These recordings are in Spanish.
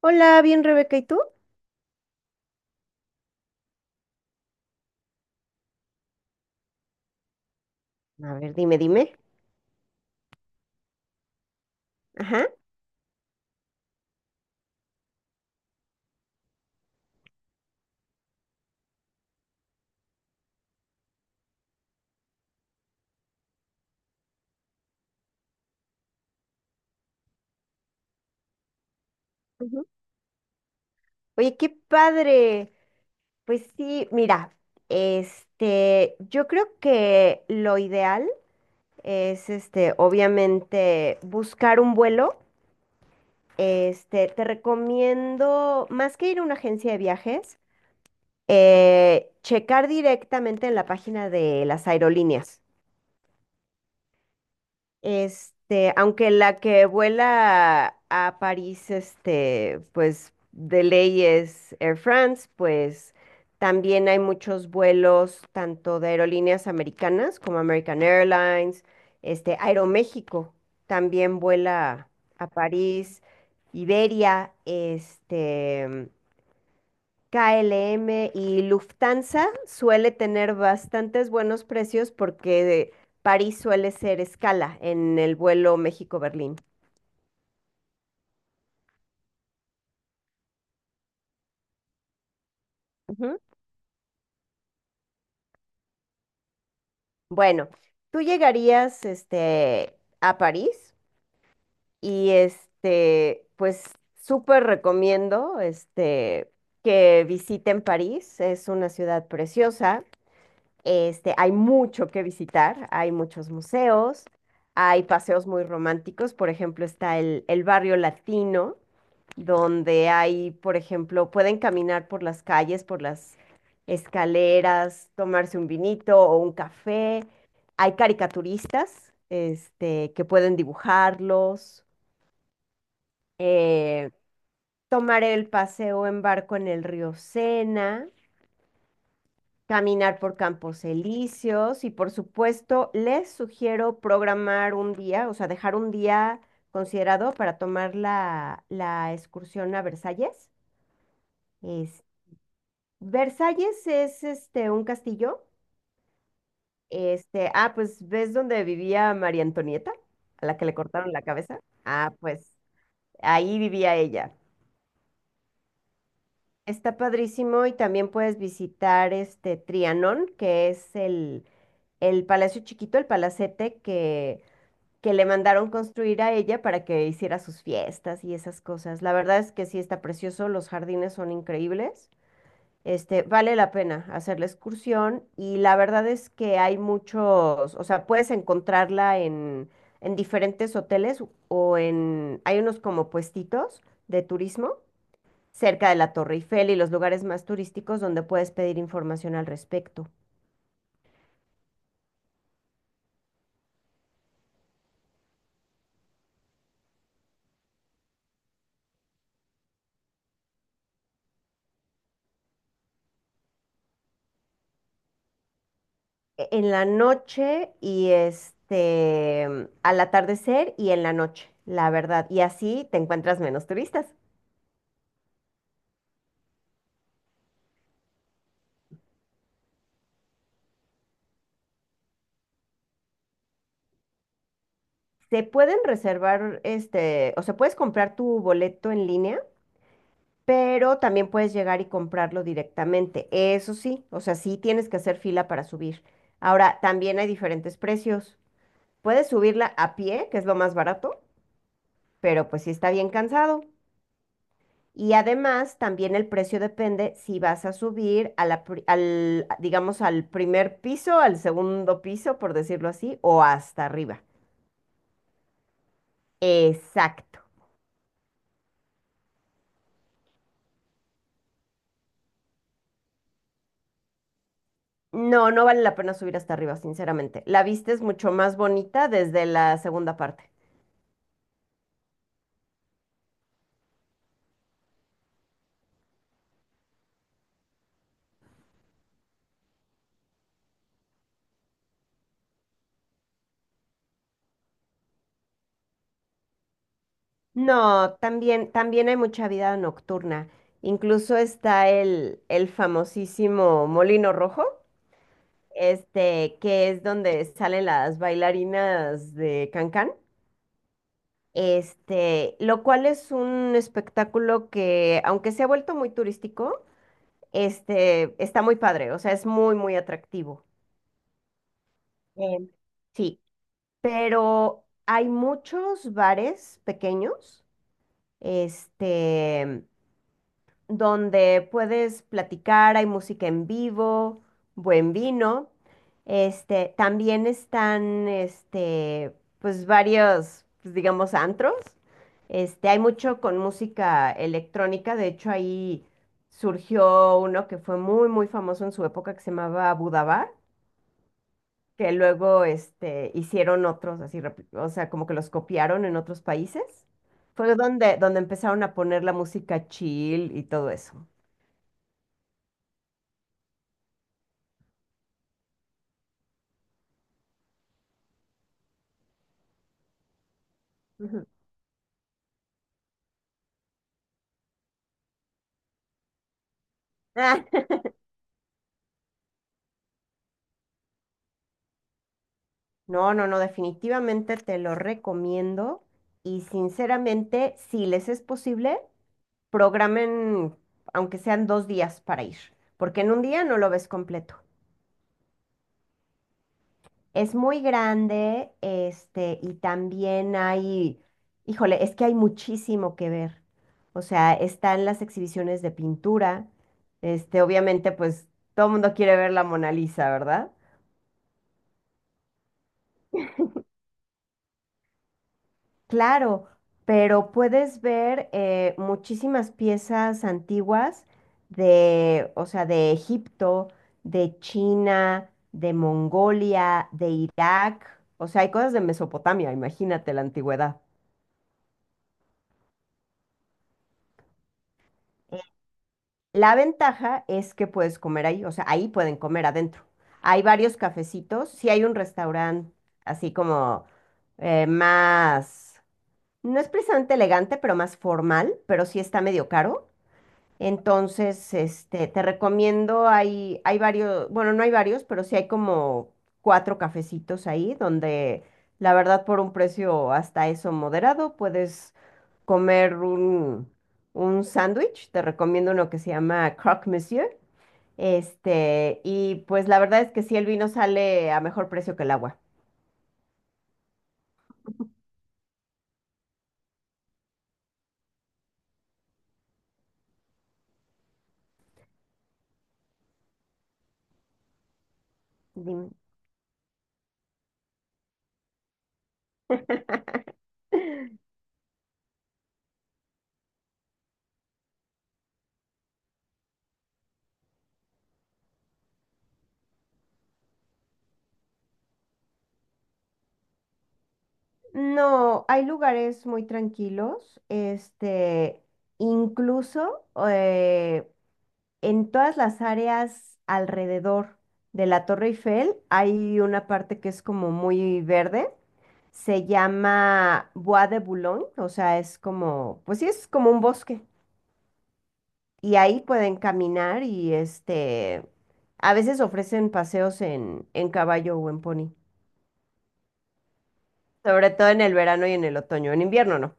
Hola, bien Rebeca, ¿y tú? A ver, dime. Ajá. Ujú. Oye, qué padre. Pues sí, mira, yo creo que lo ideal es, obviamente, buscar un vuelo. Te recomiendo, más que ir a una agencia de viajes, checar directamente en la página de las aerolíneas. Este, aunque la que vuela a París, pues de ley es Air France, pues también hay muchos vuelos tanto de aerolíneas americanas como American Airlines, Aeroméxico también vuela a París, Iberia, KLM y Lufthansa suele tener bastantes buenos precios porque París suele ser escala en el vuelo México-Berlín. Ujú. Bueno, tú llegarías a París y pues súper recomiendo que visiten París, es una ciudad preciosa. Este, hay mucho que visitar, hay muchos museos, hay paseos muy románticos, por ejemplo, está el barrio latino, donde hay, por ejemplo, pueden caminar por las calles, por las escaleras, tomarse un vinito o un café. Hay caricaturistas, que pueden dibujarlos, eh, tomar el paseo en barco en el río Sena. Caminar por campos elíseos y por supuesto les sugiero programar un día, o sea, dejar un día considerado para tomar la excursión a Versalles. Es- Versalles es este un castillo. Pues ¿ves dónde vivía María Antonieta? A la que le cortaron la cabeza. Ah, pues ahí vivía ella. Está padrísimo y también puedes visitar este Trianón, que es el palacio chiquito, el palacete que le mandaron construir a ella para que hiciera sus fiestas y esas cosas. La verdad es que sí está precioso, los jardines son increíbles. Este, vale la pena hacer la excursión y la verdad es que hay muchos, o sea, puedes encontrarla en diferentes hoteles o en, hay unos como puestitos de turismo cerca de la Torre Eiffel y los lugares más turísticos donde puedes pedir información al respecto. En la noche y al atardecer y en la noche, la verdad. Y así te encuentras menos turistas. Se pueden reservar, o sea, puedes comprar tu boleto en línea, pero también puedes llegar y comprarlo directamente. Eso sí, o sea, sí tienes que hacer fila para subir. Ahora, también hay diferentes precios. Puedes subirla a pie, que es lo más barato, pero pues sí está bien cansado. Y además, también el precio depende si vas a subir a la, al, digamos, al primer piso, al segundo piso, por decirlo así, o hasta arriba. Exacto. No, no vale la pena subir hasta arriba, sinceramente. La vista es mucho más bonita desde la segunda parte. No, también hay mucha vida nocturna. Incluso está el famosísimo Molino Rojo, que es donde salen las bailarinas de Cancán. Este, lo cual es un espectáculo que, aunque se ha vuelto muy turístico, está muy padre, o sea, es muy atractivo. Em, sí, pero hay muchos bares pequeños, este, donde puedes platicar, hay música en vivo, buen vino. Este, también están, pues varios, pues, digamos, antros. Este, hay mucho con música electrónica, de hecho ahí surgió uno que fue muy famoso en su época que se llamaba Budabar, que luego, hicieron otros así, o sea, como que los copiaron en otros países. Fue donde empezaron a poner la música chill y todo eso. Ujú. Ah, no, no, no, definitivamente te lo recomiendo y sinceramente, si les es posible, programen, aunque sean 2 días para ir, porque en 1 día no lo ves completo. Es muy grande, y también hay, híjole, es que hay muchísimo que ver. O sea, están las exhibiciones de pintura, obviamente, pues todo el mundo quiere ver la Mona Lisa, ¿verdad? Claro, pero puedes ver muchísimas piezas antiguas de, o sea, de Egipto, de China, de Mongolia, de Irak, o sea, hay cosas de Mesopotamia, imagínate la antigüedad. La ventaja es que puedes comer ahí, o sea, ahí pueden comer adentro. Hay varios cafecitos, sí hay un restaurante así como más, no es precisamente elegante, pero más formal, pero sí está medio caro. Entonces, te recomiendo, hay varios, bueno, no hay varios, pero sí hay como 4 cafecitos ahí donde la verdad por un precio hasta eso moderado puedes comer un sándwich. Te recomiendo uno que se llama Croque Monsieur. Este, y pues la verdad es que sí, el vino sale a mejor precio que el agua. Dime. No, hay lugares muy tranquilos, incluso, en todas las áreas alrededor de la Torre Eiffel hay una parte que es como muy verde. Se llama Bois de Boulogne, o sea, es como, pues sí, es como un bosque. Y ahí pueden caminar y a veces ofrecen paseos en caballo o en pony, sobre todo en el verano y en el otoño, en invierno no.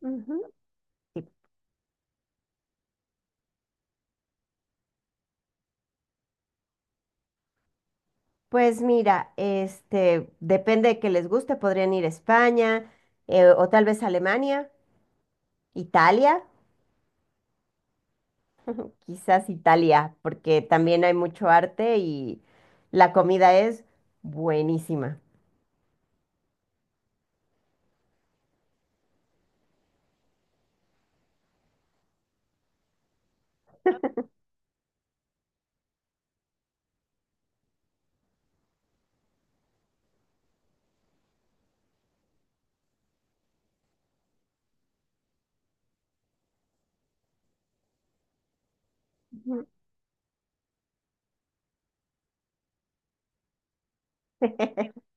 Ujú. Sí. Pues mira, depende de que les guste, podrían ir a España o tal vez a Alemania. Italia, quizás Italia, porque también hay mucho arte y la comida es buenísima. Ujú.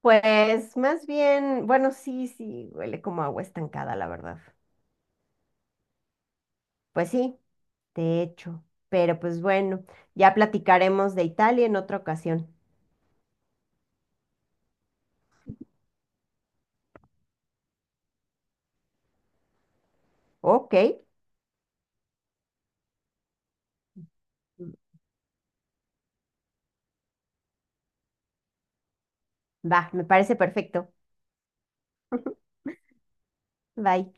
Pues más bien, bueno, huele como agua estancada, la verdad. Pues sí, de hecho. Pero pues bueno, ya platicaremos de Italia en otra ocasión. Ok, va, me parece perfecto. Bye.